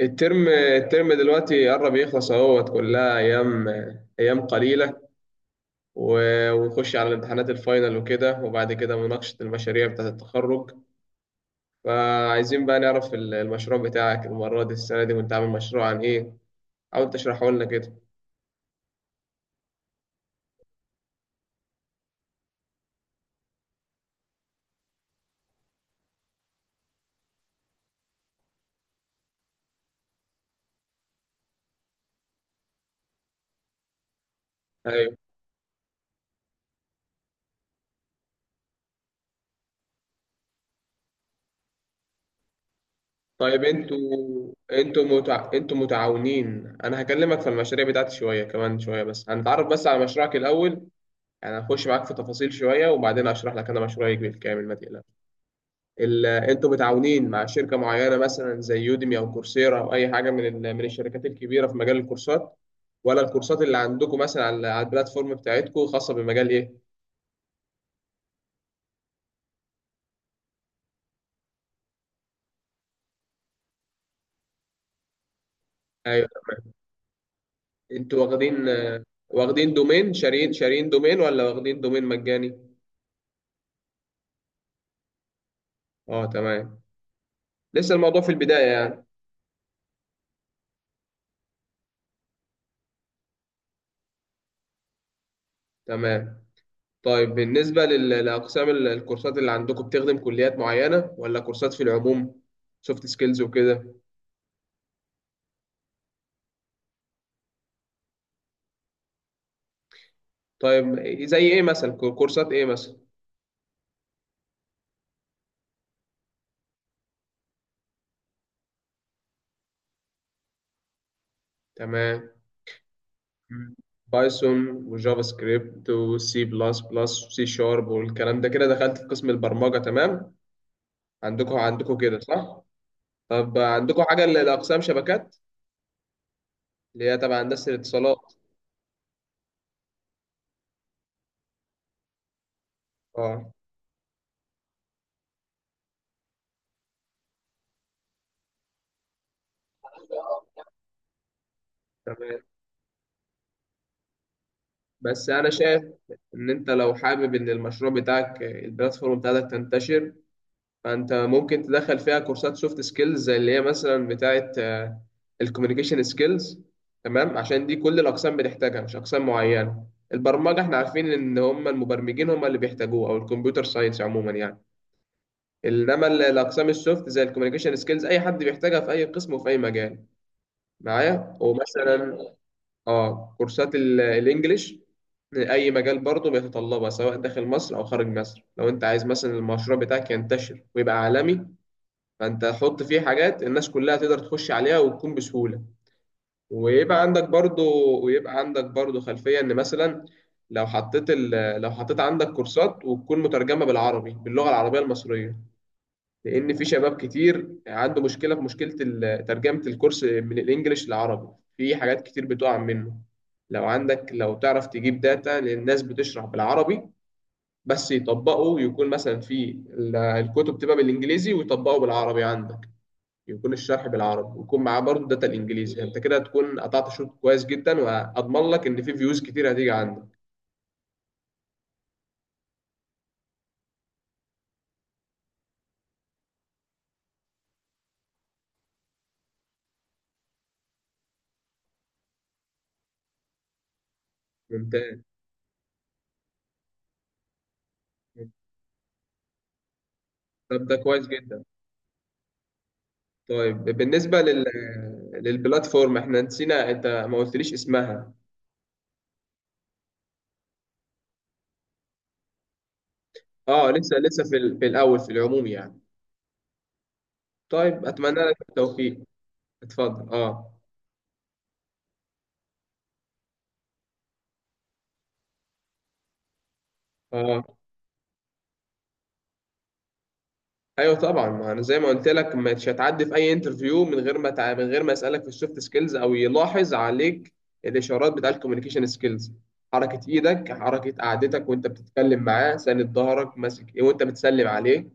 الترم دلوقتي قرب يخلص اهوت كلها ايام ايام قليله، و- ونخش على الامتحانات الفاينل وكده، وبعد كده مناقشه المشاريع بتاعه التخرج. فعايزين بقى نعرف المشروع بتاعك المره دي، السنه دي، وانت عامل مشروع عن ايه؟ حاول تشرحه لنا كده. ايوه، طيب انتوا متعاونين. انا هكلمك في المشاريع بتاعتي شويه كمان شويه، بس هنتعرف بس على مشروعك الاول، يعني هخش معاك في تفاصيل شويه، وبعدين اشرح لك انا مشروعي بالكامل ما تقلقش. انتوا متعاونين مع شركه معينه مثلا زي يوديمي او كورسيرا او اي حاجه من من الشركات الكبيره في مجال الكورسات؟ ولا الكورسات اللي عندكم مثلا على البلاتفورم بتاعتكم خاصه بمجال ايه؟ ايوه، انتوا واخدين واخدين دومين، شارين دومين ولا واخدين دومين مجاني؟ اه تمام، لسه الموضوع في البدايه يعني. تمام. طيب بالنسبه لاقسام الكورسات اللي عندكم، بتخدم كليات معينه ولا كورسات في العموم، سوفت سكيلز وكده؟ طيب زي ايه مثلا؟ كورسات ايه مثلا؟ تمام. مم. بايثون وجافا سكريبت وسي بلس بلس وسي شارب والكلام ده، كده دخلت في قسم البرمجه، تمام؟ عندكم كده صح؟ طب عندكم حاجه لاقسام شبكات اللي هي تبع هندسه الاتصالات؟ اه تمام. بس انا شايف ان انت لو حابب ان المشروع بتاعك البلاتفورم بتاعتك تنتشر، فانت ممكن تدخل فيها كورسات سوفت سكيلز زي اللي هي مثلا بتاعه الكوميونيكيشن سكيلز، تمام؟ عشان دي كل الاقسام بتحتاجها، مش اقسام معينه. البرمجه احنا عارفين ان هم المبرمجين هم اللي بيحتاجوه، او الكمبيوتر ساينس عموما يعني. انما الاقسام السوفت زي الكوميونيكيشن سكيلز اي حد بيحتاجها في اي قسم وفي اي مجال معايا. ومثلا اه كورسات الانجليش، اي مجال برضه بيتطلبها سواء داخل مصر او خارج مصر. لو انت عايز مثلا المشروع بتاعك ينتشر ويبقى عالمي، فانت حط فيه حاجات الناس كلها تقدر تخش عليها وتكون بسهولة. ويبقى عندك برضو ويبقى عندك برضو خلفية ان مثلا لو حطيت ال... لو حطيت عندك كورسات وتكون مترجمة بالعربي، باللغة العربية المصرية، لان في شباب كتير عنده مشكلة، في مشكلة ترجمة الكورس من الانجليش للعربي، في حاجات كتير بتقع منه. لو عندك، لو تعرف تجيب داتا للناس بتشرح بالعربي بس يطبقوا، يكون مثلا في الكتب تبقى بالانجليزي ويطبقوا بالعربي عندك، يكون الشرح بالعربي ويكون معاه برضه داتا الانجليزي، يعني انت كده هتكون قطعت شوط كويس جدا، واضمن لك ان في فيوز كتير هتيجي عندك. ممتاز. طب ده كويس جدا. طيب بالنسبه للبلاتفورم، احنا نسينا انت ما قلتليش اسمها. اه لسه، في الاول في العموم يعني. طيب اتمنى لك التوفيق. اتفضل اه. اه، ايوه طبعا. ما انا زي ما قلت لك، مش هتعدي في اي انترفيو من غير ما تع... من غير ما اسالك في السوفت سكيلز، او يلاحظ عليك الاشارات بتاع الكوميونيكيشن سكيلز: حركه ايدك، حركه قعدتك وانت بتتكلم معاه، ساند ظهرك، ماسك ايه وانت بتسلم عليه،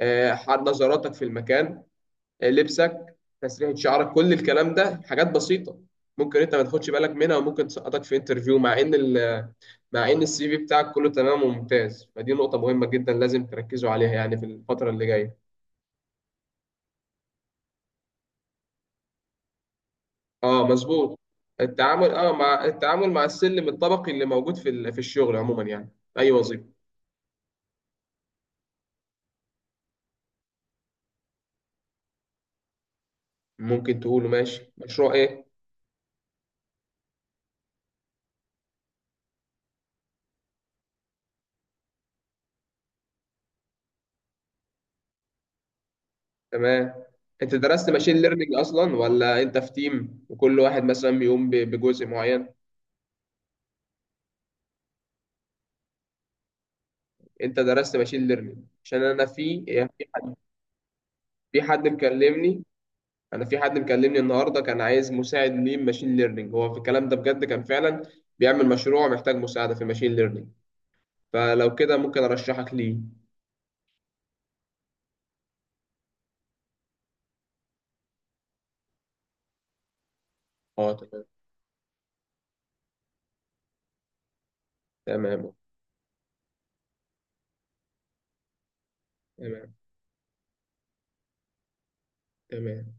نظراتك في المكان، لبسك، تسريحه شعرك. كل الكلام ده حاجات بسيطه ممكن انت ما تاخدش بالك منها، وممكن تسقطك في انترفيو، مع مع ان السي في بتاعك كله تمام وممتاز. فدي نقطه مهمه جدا لازم تركزوا عليها يعني في الفتره اللي جايه. اه مظبوط. التعامل مع السلم الطبقي اللي موجود في في الشغل عموما يعني في اي وظيفه. ممكن تقوله ماشي، مشروع ايه؟ تمام. انت درست ماشين ليرنينج اصلا، ولا انت في تيم وكل واحد مثلا بيقوم بجزء معين؟ انت درست ماشين ليرنينج؟ عشان انا في، يعني في حد مكلمني. انا في حد مكلمني النهارده كان عايز مساعد ليه ماشين ليرنينج، هو في الكلام ده بجد، كان فعلا بيعمل مشروع محتاج مساعده في الماشين ليرنينج. فلو كده ممكن ارشحك ليه. اه تمام. تمام. تمام. تمام.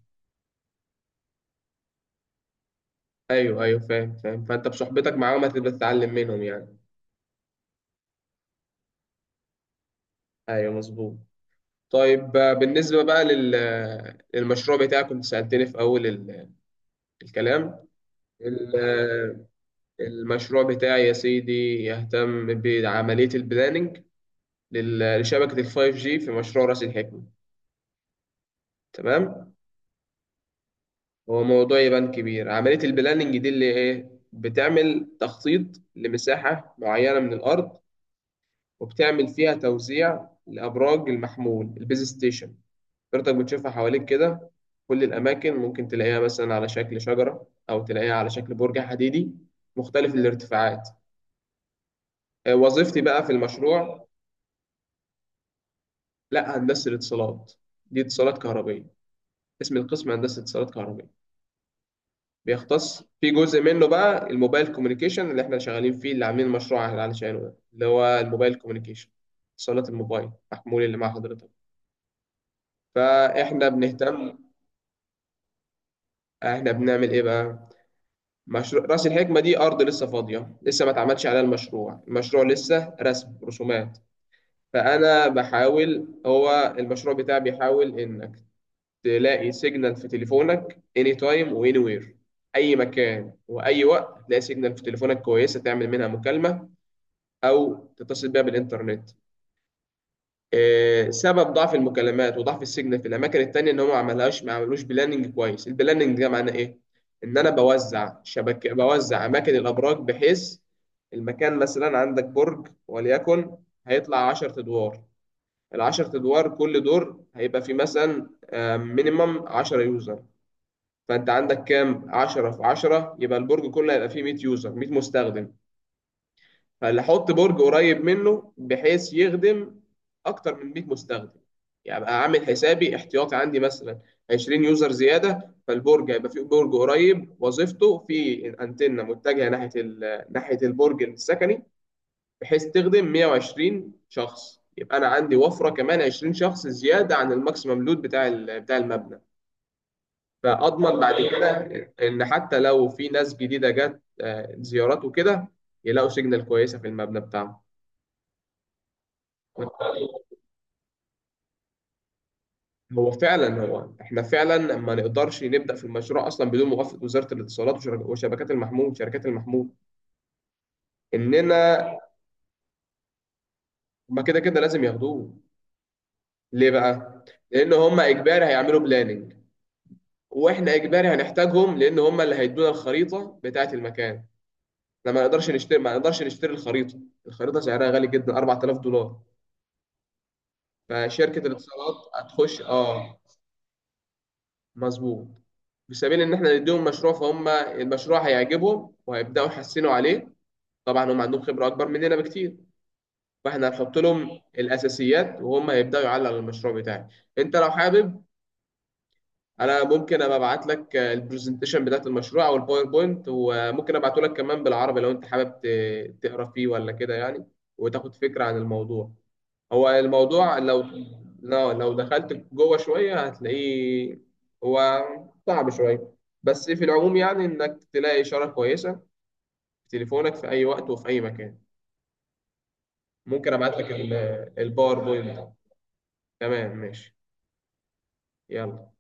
ايوه، ايوه، فاهم، فاهم. فانت بصحبتك معاهم هتبقى تتعلم منهم يعني. ايوه مظبوط. طيب بالنسبه بقى لل آه، للمشروع بتاعك، كنت سالتني في اول الكلام. ال- آه، المشروع بتاعي يا سيدي يهتم بعمليه البلاننج لشبكه الفايف جي في مشروع راس الحكمه، تمام؟ هو موضوع يبان كبير. عمليه البلاننج دي اللي ايه، بتعمل تخطيط لمساحه معينه من الارض، وبتعمل فيها توزيع لأبراج المحمول، البيز ستيشن. حضرتك بتشوفها حواليك كده، كل الأماكن ممكن تلاقيها مثلا على شكل شجرة، أو تلاقيها على شكل برج حديدي، مختلف الارتفاعات. وظيفتي بقى في المشروع. لا، هندسة الاتصالات دي اتصالات كهربية، اسم القسم هندسة اتصالات كهربية، بيختص في جزء منه بقى الموبايل كوميونيكيشن، اللي احنا شغالين فيه اللي عاملين مشروع علشانه، ده اللي هو الموبايل كوميونيكيشن، اتصالات الموبايل، محمول اللي مع حضرتك. فاحنا بنهتم، احنا بنعمل ايه بقى؟ مشروع راس الحكمه دي ارض لسه فاضيه، لسه ما اتعملش عليها المشروع، المشروع لسه رسم، رسومات. فانا بحاول هو المشروع بتاعي بيحاول انك تلاقي سيجنال في تليفونك اني تايم واني وير، اي مكان واي وقت تلاقي سيجنال في تليفونك كويسه، تعمل منها مكالمه او تتصل بيها بالانترنت. سبب ضعف المكالمات وضعف السيجنال في الاماكن التانية ان هم ما عملوش بلاننج كويس. البلاننج ده معناه ايه؟ ان انا بوزع شبكه، بوزع اماكن الابراج بحيث المكان مثلا عندك برج وليكن هيطلع 10 ادوار، ال 10 ادوار كل دور هيبقى فيه مثلا مينيمم 10 يوزر، فانت عندك كام؟ 10 في 10 يبقى البرج كله هيبقى فيه 100 يوزر، 100 مستخدم. فاحط برج قريب منه بحيث يخدم اكتر من 100 مستخدم، يعني ابقى عامل حسابي احتياطي، عندي مثلا 20 يوزر زياده. فالبرج هيبقى فيه برج قريب وظيفته، في انتنه متجهه ناحيه ناحيه البرج السكني، بحيث تخدم 120 شخص، يبقى انا عندي وفره كمان 20 شخص زياده عن الماكسيمم لود بتاع بتاع المبنى، فاضمن بعد كده ان حتى لو في ناس جديده جت، زيارات وكده، يلاقوا سيجنال كويسه في المبنى بتاعهم. هو فعلا هو احنا فعلا ما نقدرش نبدا في المشروع اصلا بدون موافقه وزاره الاتصالات وشر- وشبكات المحمول، شركات المحمول، اننا هما كده كده لازم ياخدوه. ليه بقى؟ لان هما اجباري هيعملوا بلاننج، واحنا اجباري هنحتاجهم، لان هما اللي هيدونا الخريطه بتاعه المكان. احنا ما نقدرش نشتري ما نقدرش نشتري الخريطه. الخريطه سعرها غالي جدا، 4000 دولار. فشركه الاتصالات هتخش. اه مظبوط، في سبيل ان احنا نديهم مشروع، فهم المشروع هيعجبهم وهيبداوا يحسنوا عليه. طبعا هم عندهم خبره اكبر مننا بكتير، فاحنا هنحط لهم الاساسيات وهم هيبداوا يعلقوا المشروع بتاعي. انت لو حابب، انا ممكن ابقى ابعت لك البرزنتيشن بتاعت المشروع، او الباوربوينت، وممكن ابعته لك كمان بالعربي لو انت حابب تقرا فيه ولا كده يعني، وتاخد فكره عن الموضوع. هو الموضوع لو، لو دخلت جوه شوية هتلاقيه، هو صعب شوية، بس في العموم يعني إنك تلاقي إشارة كويسة في تليفونك في أي وقت وفي أي مكان. ممكن أبعت لك الباوربوينت. تمام ماشي، يلا.